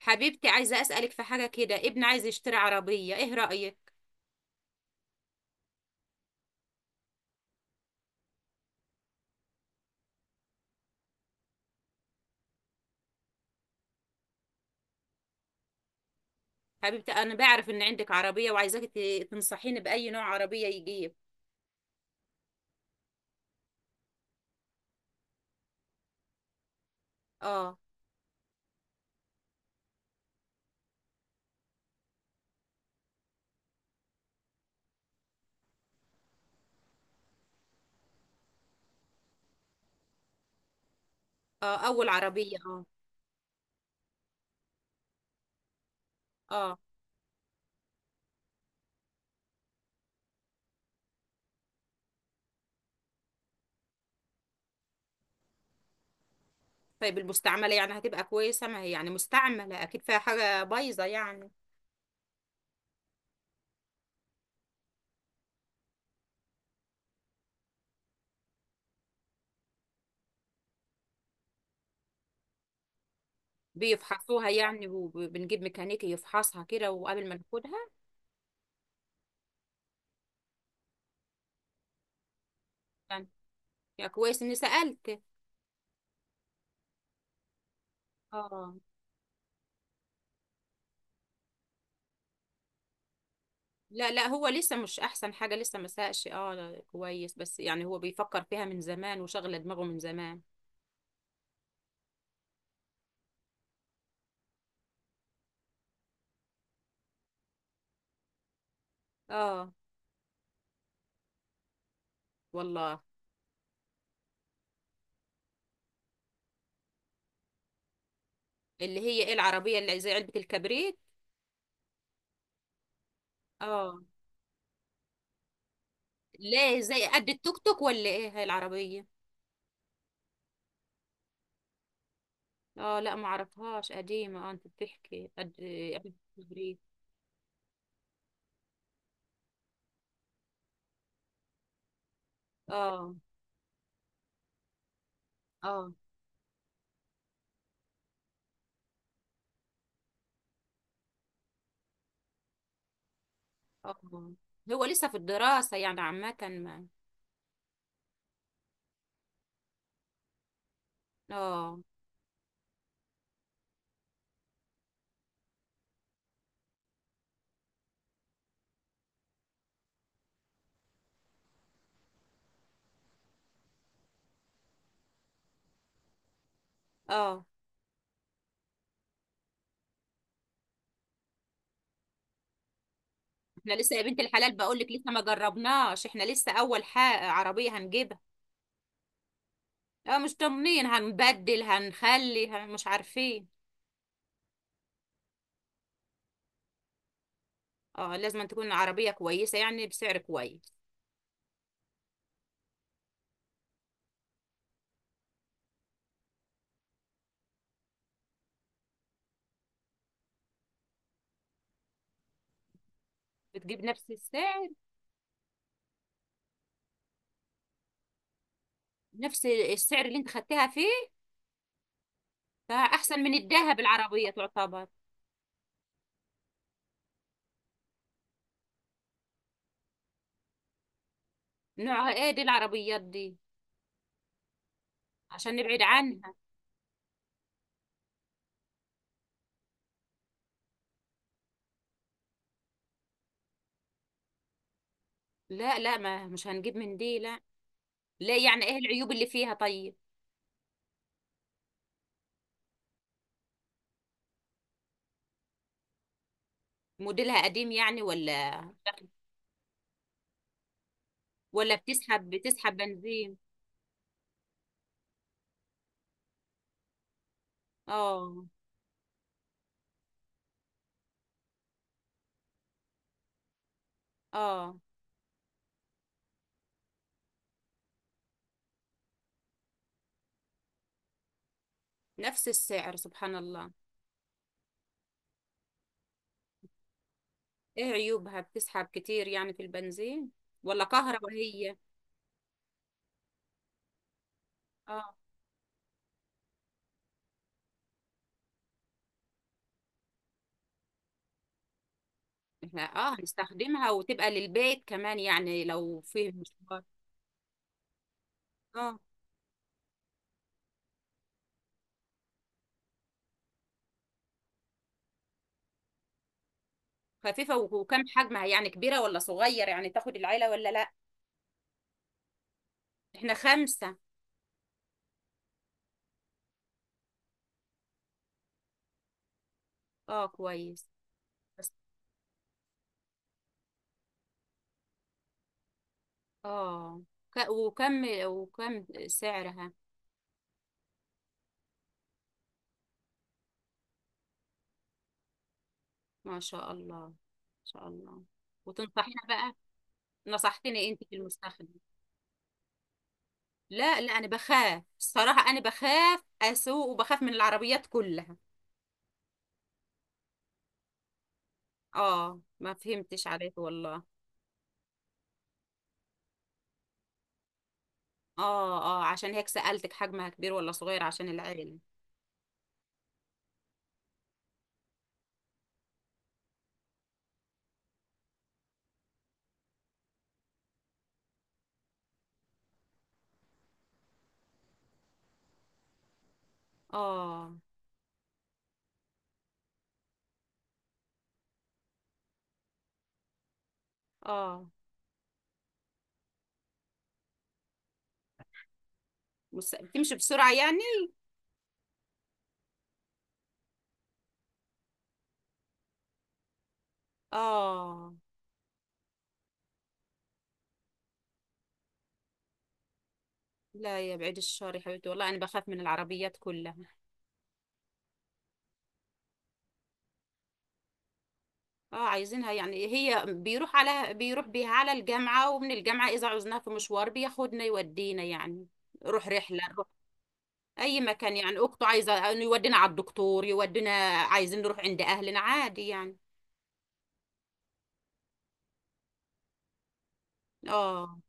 حبيبتي، عايزة أسألك في حاجة كده. ابن عايز يشتري عربية، ايه رأيك؟ حبيبتي، أنا بعرف إن عندك عربية وعايزاك تنصحيني بأي نوع عربية يجيب. اه. اه، أول عربية، اه. اه، طيب المستعملة يعني هتبقى كويسة؟ ما هي يعني مستعملة أكيد فيها حاجة بايظة يعني. بيفحصوها يعني وبنجيب ميكانيكي يفحصها كده وقبل ما ناخدها؟ يعني، يا كويس إني سألت. اه. لا لا، هو لسه مش أحسن حاجة، لسه ما ساقش، اه لا، كويس، بس يعني هو بيفكر فيها من زمان وشغل دماغه من زمان. اه والله. اللي هي ايه العربية اللي زي علبة الكبريت؟ اه. ليه، زي قد التوك توك ولا ايه هاي العربية؟ اه لا، ما اعرفهاش. قديمة؟ اه، انت بتحكي قد إيه، علبة الكبريت؟ اه. اه. اه. هو لسه في الدراسة يعني عامة ما. اه. اه. احنا لسه، يا بنت الحلال، بقول لك لسه ما جربناش، احنا لسه اول حاجة عربية هنجيبها. اه، مش طمنين، هنبدل، هنخلي، مش عارفين. اه، لازم تكون عربية كويسة يعني بسعر كويس. بتجيب نفس السعر؟ نفس السعر اللي انت خدتها فيه؟ فاحسن من الذهب العربيه تعتبر. نوعها ايه دي العربيات دي؟ عشان نبعد عنها. لا لا، ما مش هنجيب من دي لا. لا، يعني ايه العيوب اللي فيها طيب؟ موديلها قديم يعني ولا؟ ولا بتسحب، بتسحب بنزين؟ اه. اه، نفس السعر، سبحان الله. ايه عيوبها؟ بتسحب كتير يعني في البنزين ولا كهرباء هي؟ اه. احنا، اه، هنستخدمها وتبقى للبيت كمان يعني لو فيه مشوار. اه، خفيفة وكم حجمها يعني؟ كبيرة ولا صغير يعني، تاخد العيلة ولا لا؟ احنا خمسة. اه، كويس. بس، اه، وكم، وكم سعرها؟ ما شاء الله، ما شاء الله. وتنصحينا بقى؟ نصحتني انت في المستخدم. لا لا، انا بخاف الصراحة، انا بخاف اسوق وبخاف من العربيات كلها. اه، ما فهمتش عليك والله. اه، اه، عشان هيك سألتك حجمها كبير ولا صغير، عشان العين. اه. اه. مس... بتمشي بسرعة يعني؟ اه. لا يا بعيد الشر، يا حبيبتي، والله انا بخاف من العربيات كلها. اه، عايزينها يعني، هي بيروح على، بيروح بيها على الجامعة ومن الجامعة، اذا عوزناها في مشوار بياخدنا، يودينا يعني، نروح رحلة، نروح اي مكان يعني. اخته عايزة انه يودينا على الدكتور، يودينا عايزين نروح عند اهلنا عادي يعني. اه.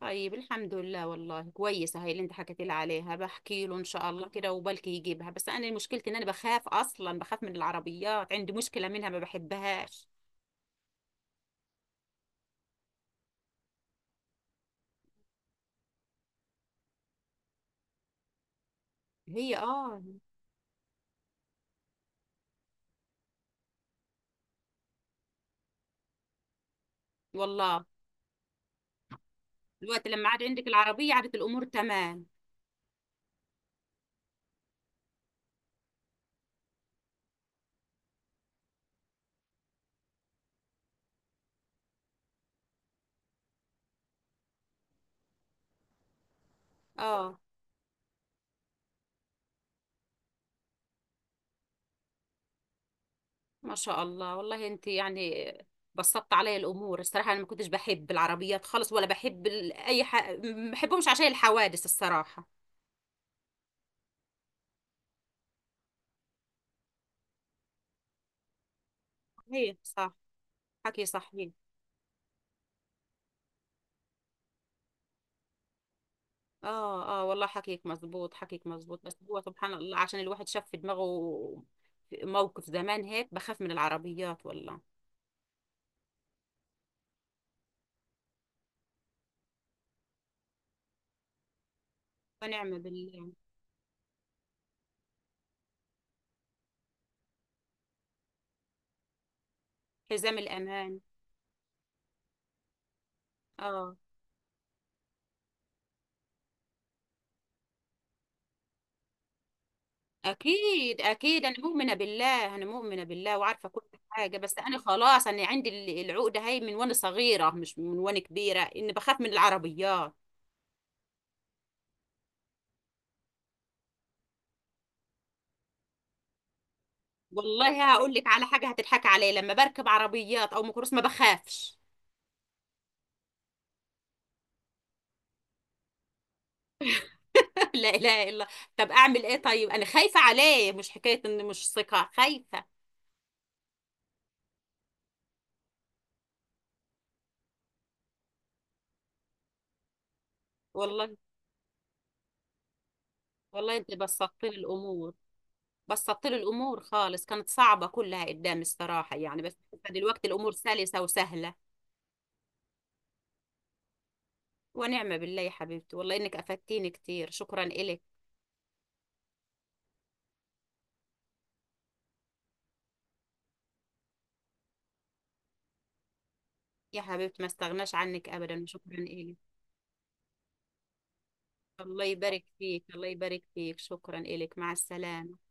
طيب الحمد لله، والله كويسة هاي اللي انت حكيت لي عليها، بحكي له ان شاء الله كده وبلكي يجيبها، بس انا مشكلتي ان انا بخاف، اصلا بخاف من العربيات، عندي مشكلة منها، ما بحبهاش. هي اه. والله الوقت لما عاد عندك العربية عادت الامور تمام؟ اه، ما شاء الله، والله انت يعني بسطت علي الامور الصراحة. انا ما كنتش بحب العربيات خالص، ولا بحب اي ح... ما بحبهمش عشان الحوادث الصراحة. هي صح، حكي صحيح. اه، اه، والله حكيك مظبوط، حكيك مظبوط، بس هو سبحان الله عشان الواحد شاف في دماغه موقف زمان، هيك بخاف من العربيات والله. ونعم بالله. حزام الأمان. اه، أكيد أكيد، أنا مؤمنة بالله، أنا مؤمنة بالله وعارفة كل حاجة، بس أنا خلاص أنا عندي العقدة هاي من وأنا صغيرة، مش من وأنا كبيرة، إني بخاف من العربيات. والله هقول لك على حاجة هتضحك عليا، لما بركب عربيات أو ميكروباص ما بخافش. لا اله الا. طب اعمل ايه طيب؟ انا خايفه عليه، مش حكايه اني مش ثقه، خايفه. والله، والله انت بسطت لي الامور، بسطت لي الامور خالص، كانت صعبه كلها قدامي الصراحه يعني، بس دلوقتي الامور سلسه وسهله. ونعمه بالله يا حبيبتي، والله انك افدتيني كتير، شكرا الك. يا حبيبتي، ما استغناش عنك ابدا، شكرا الك. الله يبارك فيك، الله يبارك فيك، شكرا الك، مع السلامه.